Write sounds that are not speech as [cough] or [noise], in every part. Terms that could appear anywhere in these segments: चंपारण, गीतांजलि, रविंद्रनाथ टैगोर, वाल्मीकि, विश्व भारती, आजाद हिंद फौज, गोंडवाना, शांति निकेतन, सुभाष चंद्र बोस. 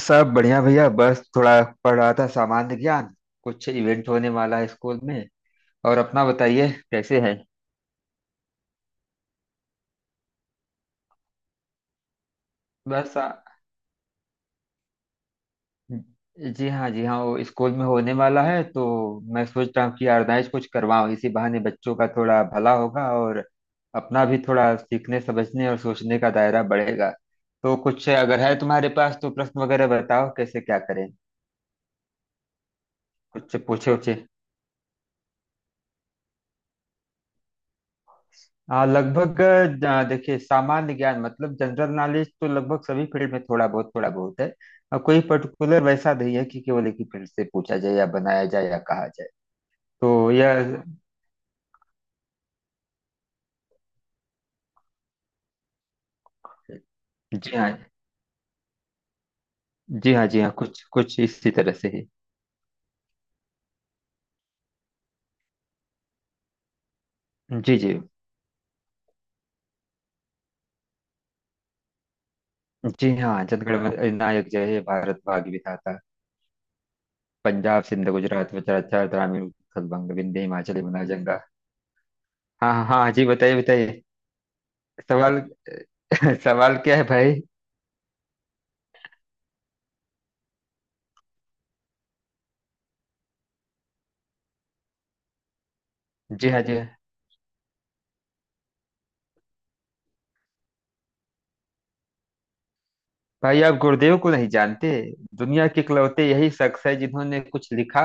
सब बढ़िया भैया, बस थोड़ा पढ़ रहा था सामान्य ज्ञान। कुछ इवेंट होने वाला है स्कूल में। और अपना बताइए कैसे है। बस आ, जी हाँ, जी हाँ, वो स्कूल में होने वाला है, तो मैं सोच रहा हूँ कि ऑर्गेनाइज कुछ करवाऊँ, इसी बहाने बच्चों का थोड़ा भला होगा और अपना भी थोड़ा सीखने समझने और सोचने का दायरा बढ़ेगा। तो कुछ अगर है तुम्हारे पास तो प्रश्न वगैरह बताओ, कैसे क्या करें, कुछ पूछे उछे। हाँ, लगभग। देखिए, सामान्य ज्ञान मतलब जनरल नॉलेज, तो लगभग सभी फील्ड में थोड़ा बहुत है। और कोई पर्टिकुलर वैसा नहीं है कि केवल एक ही फील्ड से पूछा जाए या बनाया जाए या कहा जाए। तो यह। जी हाँ। जी हाँ, जी हाँ, कुछ कुछ इसी तरह से ही। जी जी। जी हाँ, जनगण नायक जय हे भारत भाग्य विधाता, पंजाब सिंध गुजरात उत्तराखंड ग्रामीण उत्कल बंग विंध्य हिमाचल यमुना गंगा। हाँ हाँ हाँ, जी बताइए बताइए। सवाल। [laughs] सवाल क्या है भाई। जी हाँ, जी हाँ। भाई, आप गुरुदेव को नहीं जानते। दुनिया के इकलौते यही शख्स है जिन्होंने कुछ लिखा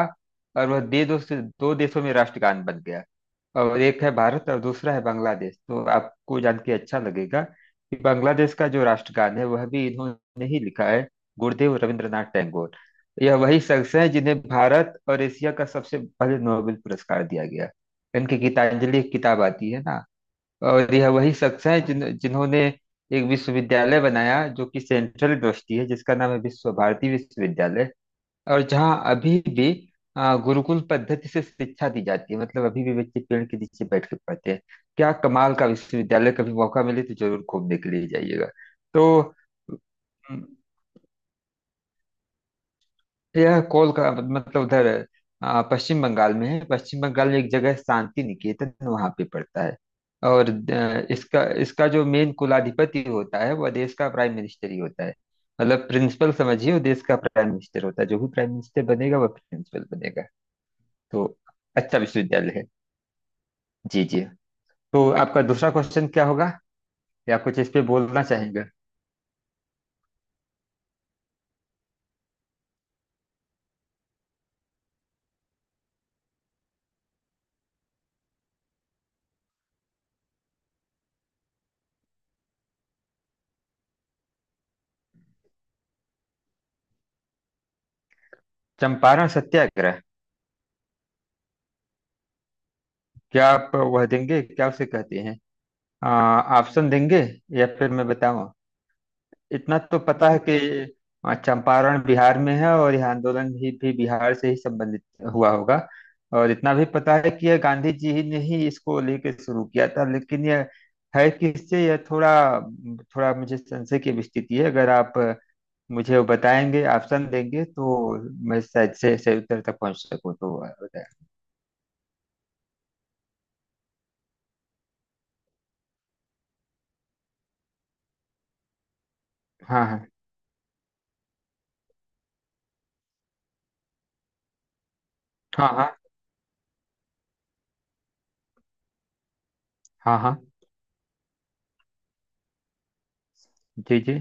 और वह दे दो से दो देशों में राष्ट्रगान बन गया। और एक है भारत और दूसरा है बांग्लादेश। तो आपको जान के अच्छा लगेगा कि बांग्लादेश का जो राष्ट्रगान है वह भी इन्होंने ही लिखा है। गुरुदेव रविंद्रनाथ टैगोर। यह वही शख्स है जिन्हें भारत और एशिया का सबसे पहले नोबेल पुरस्कार दिया गया। इनकी गीतांजलि एक किताब आती है ना। और यह वही शख्स हैं जिन्होंने एक विश्वविद्यालय बनाया जो कि सेंट्रल यूनिवर्सिटी है, जिसका नाम है विश्व भारती विश्वविद्यालय। और जहाँ अभी भी गुरुकुल पद्धति से शिक्षा दी जाती है, मतलब अभी भी बच्चे पेड़ के नीचे बैठ के पढ़ते हैं। क्या कमाल का विश्वविद्यालय, कभी मौका मिले तो जरूर घूमने के लिए जाइएगा। तो यह कोलकाता मतलब उधर, पश्चिम बंगाल में है। पश्चिम बंगाल में एक जगह है शांति निकेतन, वहां पे पड़ता है। और अ, इसका इसका जो मेन कुलाधिपति होता है वह देश का प्राइम मिनिस्टर ही होता है। मतलब प्रिंसिपल समझिए, वो देश का प्राइम मिनिस्टर होता है। जो भी प्राइम मिनिस्टर बनेगा वह प्रिंसिपल बनेगा। तो अच्छा विश्वविद्यालय है। जी जी। तो आपका दूसरा क्वेश्चन क्या होगा, या कुछ इस पे बोलना चाहेंगे। चंपारण सत्याग्रह। क्या आप वह देंगे, क्या उसे कहते हैं, ऑप्शन देंगे या फिर मैं बताऊं। इतना तो पता है कि चंपारण बिहार में है, और यह आंदोलन भी बिहार से ही संबंधित हुआ होगा। और इतना भी पता है कि यह गांधी जी ही ने ही इसको लेके शुरू किया था, लेकिन यह है किससे, यह थोड़ा थोड़ा मुझे संशय की भी स्थिति है। अगर आप मुझे वो बताएंगे, ऑप्शन देंगे, तो मैं शायद से सही उत्तर तक पहुंच सकूं, तो बताया। हाँ हाँ। हाँ हाँ। हाँ हाँ। जी जी।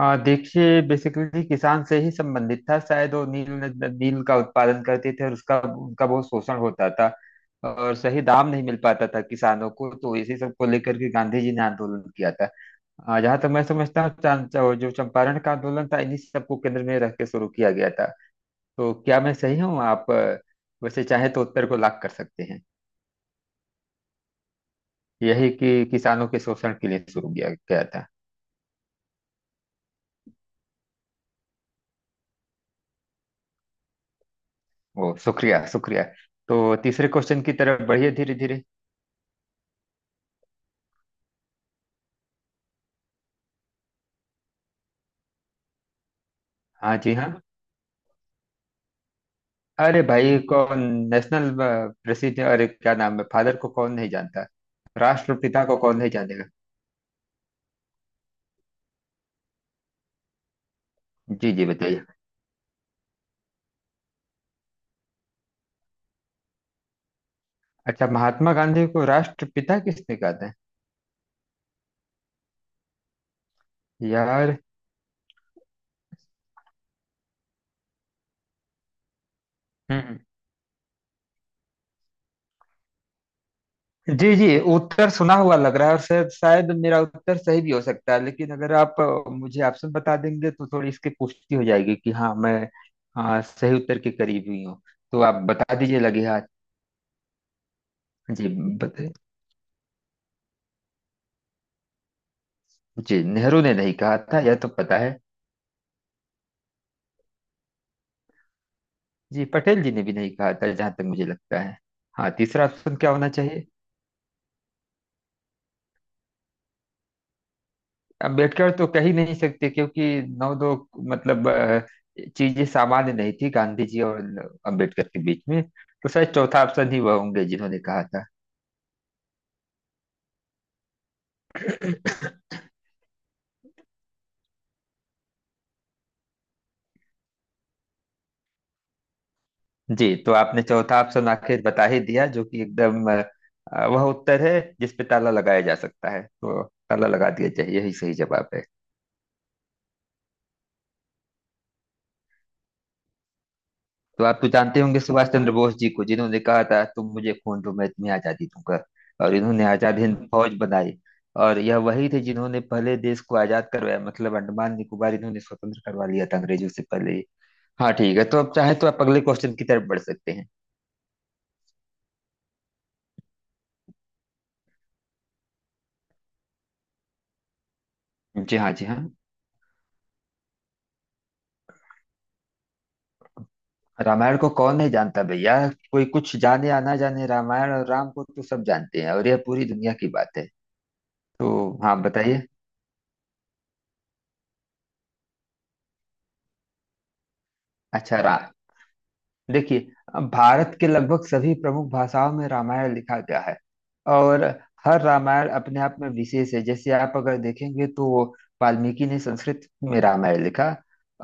हाँ देखिए, बेसिकली किसान से ही संबंधित था। शायद वो नील, नील का उत्पादन करते थे और उसका, उनका बहुत शोषण होता था और सही दाम नहीं मिल पाता था किसानों को, तो इसी सब को लेकर के गांधी जी ने आंदोलन किया था। जहाँ तक मैं समझता हूँ, जो चंपारण का आंदोलन था, इन्हीं सबको केंद्र में रख के शुरू किया गया था। तो क्या मैं सही हूँ आप वैसे चाहे तो उत्तर को लाख कर सकते हैं। यही कि किसानों के शोषण के लिए शुरू किया गया था। वो शुक्रिया शुक्रिया। तो तीसरे क्वेश्चन की तरफ बढ़िए धीरे धीरे। हाँ जी हाँ। अरे भाई कौन, नेशनल प्रसिद्ध, अरे क्या नाम है, फादर को कौन नहीं जानता। राष्ट्रपिता को कौन नहीं जानेगा। जी जी बताइए। अच्छा, महात्मा गांधी को राष्ट्रपिता किसने कहा था। यार। हम्म। जी जी, उत्तर सुना हुआ लग रहा है और शायद शायद मेरा उत्तर सही भी हो सकता है, लेकिन अगर आप मुझे ऑप्शन बता देंगे तो थोड़ी इसकी पुष्टि हो जाएगी कि हाँ मैं सही उत्तर के करीब ही हूँ। तो आप बता दीजिए लगे हाथ। जी बताइए। जी, नेहरू ने नहीं कहा था यह तो पता है। जी, पटेल जी ने भी नहीं कहा था जहां तक मुझे लगता है। हाँ, तीसरा ऑप्शन क्या होना चाहिए। अम्बेडकर तो कह ही नहीं सकते, क्योंकि नौ दो, मतलब चीजें सामान्य नहीं थी गांधी जी और अम्बेडकर के बीच में। तो शायद चौथा ऑप्शन ही वह होंगे जिन्होंने कहा था। जी, तो आपने चौथा ऑप्शन आखिर बता ही दिया, जो कि एकदम वह उत्तर है जिस पे ताला लगाया जा सकता है। तो ताला लगा दिया जाए, यही सही जवाब है। तो आप तो जानते होंगे सुभाष चंद्र बोस जी को, जिन्होंने कहा था तुम मुझे खून दो मैं तुम्हें आजादी दूंगा। और इन्होंने आजाद हिंद फौज बनाई। और यह वही थे जिन्होंने पहले देश को आजाद करवाया, मतलब अंडमान निकोबार इन्होंने स्वतंत्र करवा लिया था अंग्रेजों से पहले ही। हाँ ठीक है, तो अब चाहे तो आप अगले क्वेश्चन की तरफ बढ़ सकते हैं। जी हाँ जी हाँ। रामायण को कौन नहीं जानता भैया, कोई कुछ जाने या ना जाने रामायण और राम को तो सब जानते हैं और यह पूरी दुनिया की बात है। तो। हाँ बताइए। अच्छा राम, देखिए, अब भारत के लगभग सभी प्रमुख भाषाओं में रामायण लिखा गया है। और हर रामायण अपने आप में विशेष है। जैसे आप अगर देखेंगे तो वाल्मीकि ने संस्कृत में रामायण लिखा,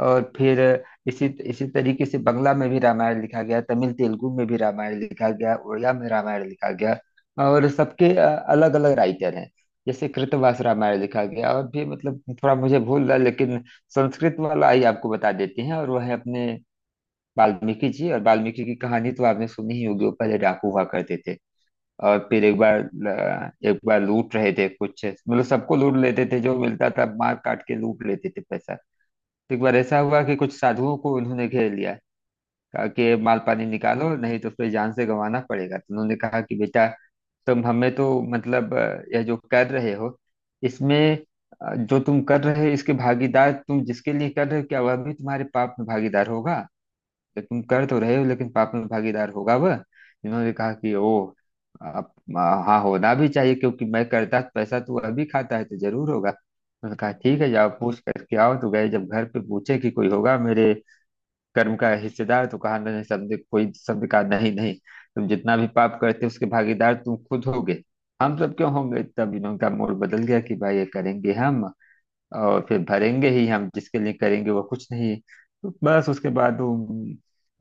और फिर इसी इसी तरीके से बंगला में भी रामायण लिखा गया, तमिल तेलुगु में भी रामायण लिखा गया, उड़िया में रामायण लिखा गया, और सबके अलग अलग राइटर हैं। जैसे कृतवास रामायण लिखा गया और भी, मतलब थोड़ा मुझे भूल रहा है, लेकिन संस्कृत वाला ही आपको बता देते हैं, और वह है अपने वाल्मीकि जी। और वाल्मीकि की कहानी तो आपने सुनी ही होगी। वो पहले डाकू हुआ करते थे। और फिर एक बार एक बार लूट रहे थे कुछ, मतलब सबको लूट लेते थे जो मिलता था, मार काट के लूट लेते थे पैसा। तो एक बार ऐसा हुआ कि कुछ साधुओं को उन्होंने घेर लिया। कहा कि माल पानी निकालो नहीं तो फिर जान से गंवाना पड़ेगा। तो उन्होंने कहा कि बेटा तुम हमें तो, मतलब यह जो कर रहे हो इसमें, जो तुम कर रहे हो इसके भागीदार, तुम जिसके लिए कर रहे हो क्या वह भी तुम्हारे पाप में भागीदार होगा। तो तुम कर तो रहे हो, लेकिन पाप में भागीदार होगा वह। इन्होंने कहा कि ओ आप हाँ होना भी चाहिए, क्योंकि मैं करता पैसा तू अभी खाता है तो जरूर होगा। उन्होंने कहा ठीक है जाओ पूछ करके आओ। तो गए, जब घर पे पूछे कि कोई होगा मेरे कर्म का हिस्सेदार, तो कहा नहीं सबने, कोई सबने कहा नहीं नहीं, तुम जितना भी पाप करते हो उसके भागीदार तुम खुद होगे, हम सब क्यों होंगे। तब इन्होंने का मूड बदल गया कि भाई ये करेंगे हम और फिर भरेंगे ही हम, जिसके लिए करेंगे वो कुछ नहीं। तो बस उसके बाद वो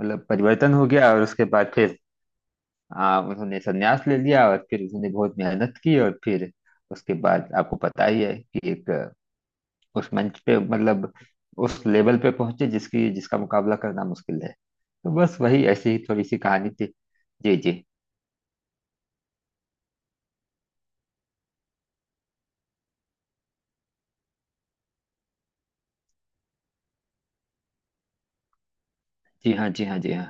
मतलब परिवर्तन हो गया और उसके बाद फिर उन्होंने संन्यास ले लिया और फिर उन्होंने बहुत मेहनत की और फिर उसके बाद आपको पता ही है कि एक उस मंच पे, मतलब उस लेवल पे पहुंचे जिसकी, जिसका मुकाबला करना मुश्किल है। तो बस वही ऐसी ही थोड़ी सी कहानी थी। जी जी। जी हाँ जी हाँ जी हाँ।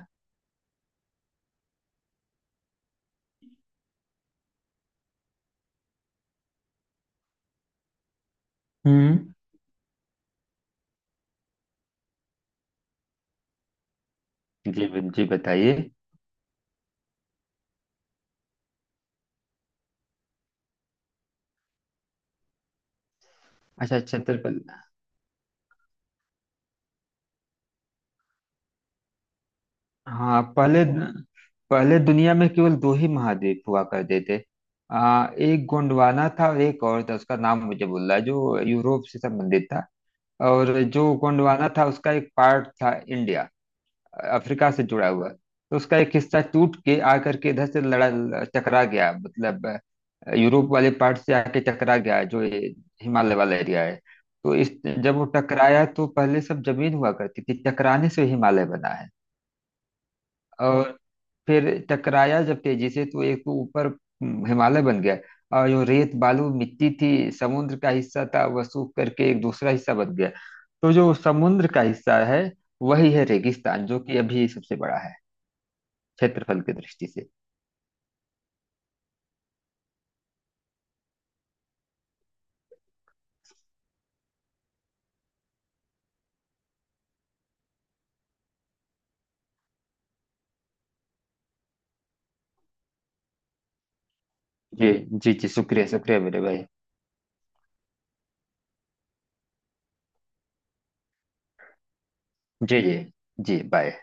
हम्म। जी जी बताइए। अच्छा छत्रपति। हाँ पहले, पहले दुनिया में केवल दो ही महाद्वीप हुआ करते थे। एक गोंडवाना था और एक और था, उसका नाम मुझे भूल रहा है, जो यूरोप से संबंधित था। और जो गोंडवाना था उसका एक पार्ट था इंडिया, अफ्रीका से जुड़ा हुआ। तो उसका एक हिस्सा टूट के आकर के इधर से लड़ा, टकरा गया, मतलब यूरोप वाले पार्ट से आके टकरा गया, जो ये हिमालय वाला एरिया है। तो इस, जब वो टकराया तो पहले सब जमीन हुआ करती थी, टकराने से हिमालय बना है। और फिर टकराया जब तेजी से तो एक तो ऊपर हिमालय बन गया, और जो रेत बालू मिट्टी थी समुद्र का हिस्सा था वह सूख करके एक दूसरा हिस्सा बन गया। तो जो समुद्र का हिस्सा है वही है रेगिस्तान, जो कि अभी सबसे बड़ा है क्षेत्रफल की दृष्टि से। जी जी। जी शुक्रिया शुक्रिया मेरे भाई। जी जी। जी बाय।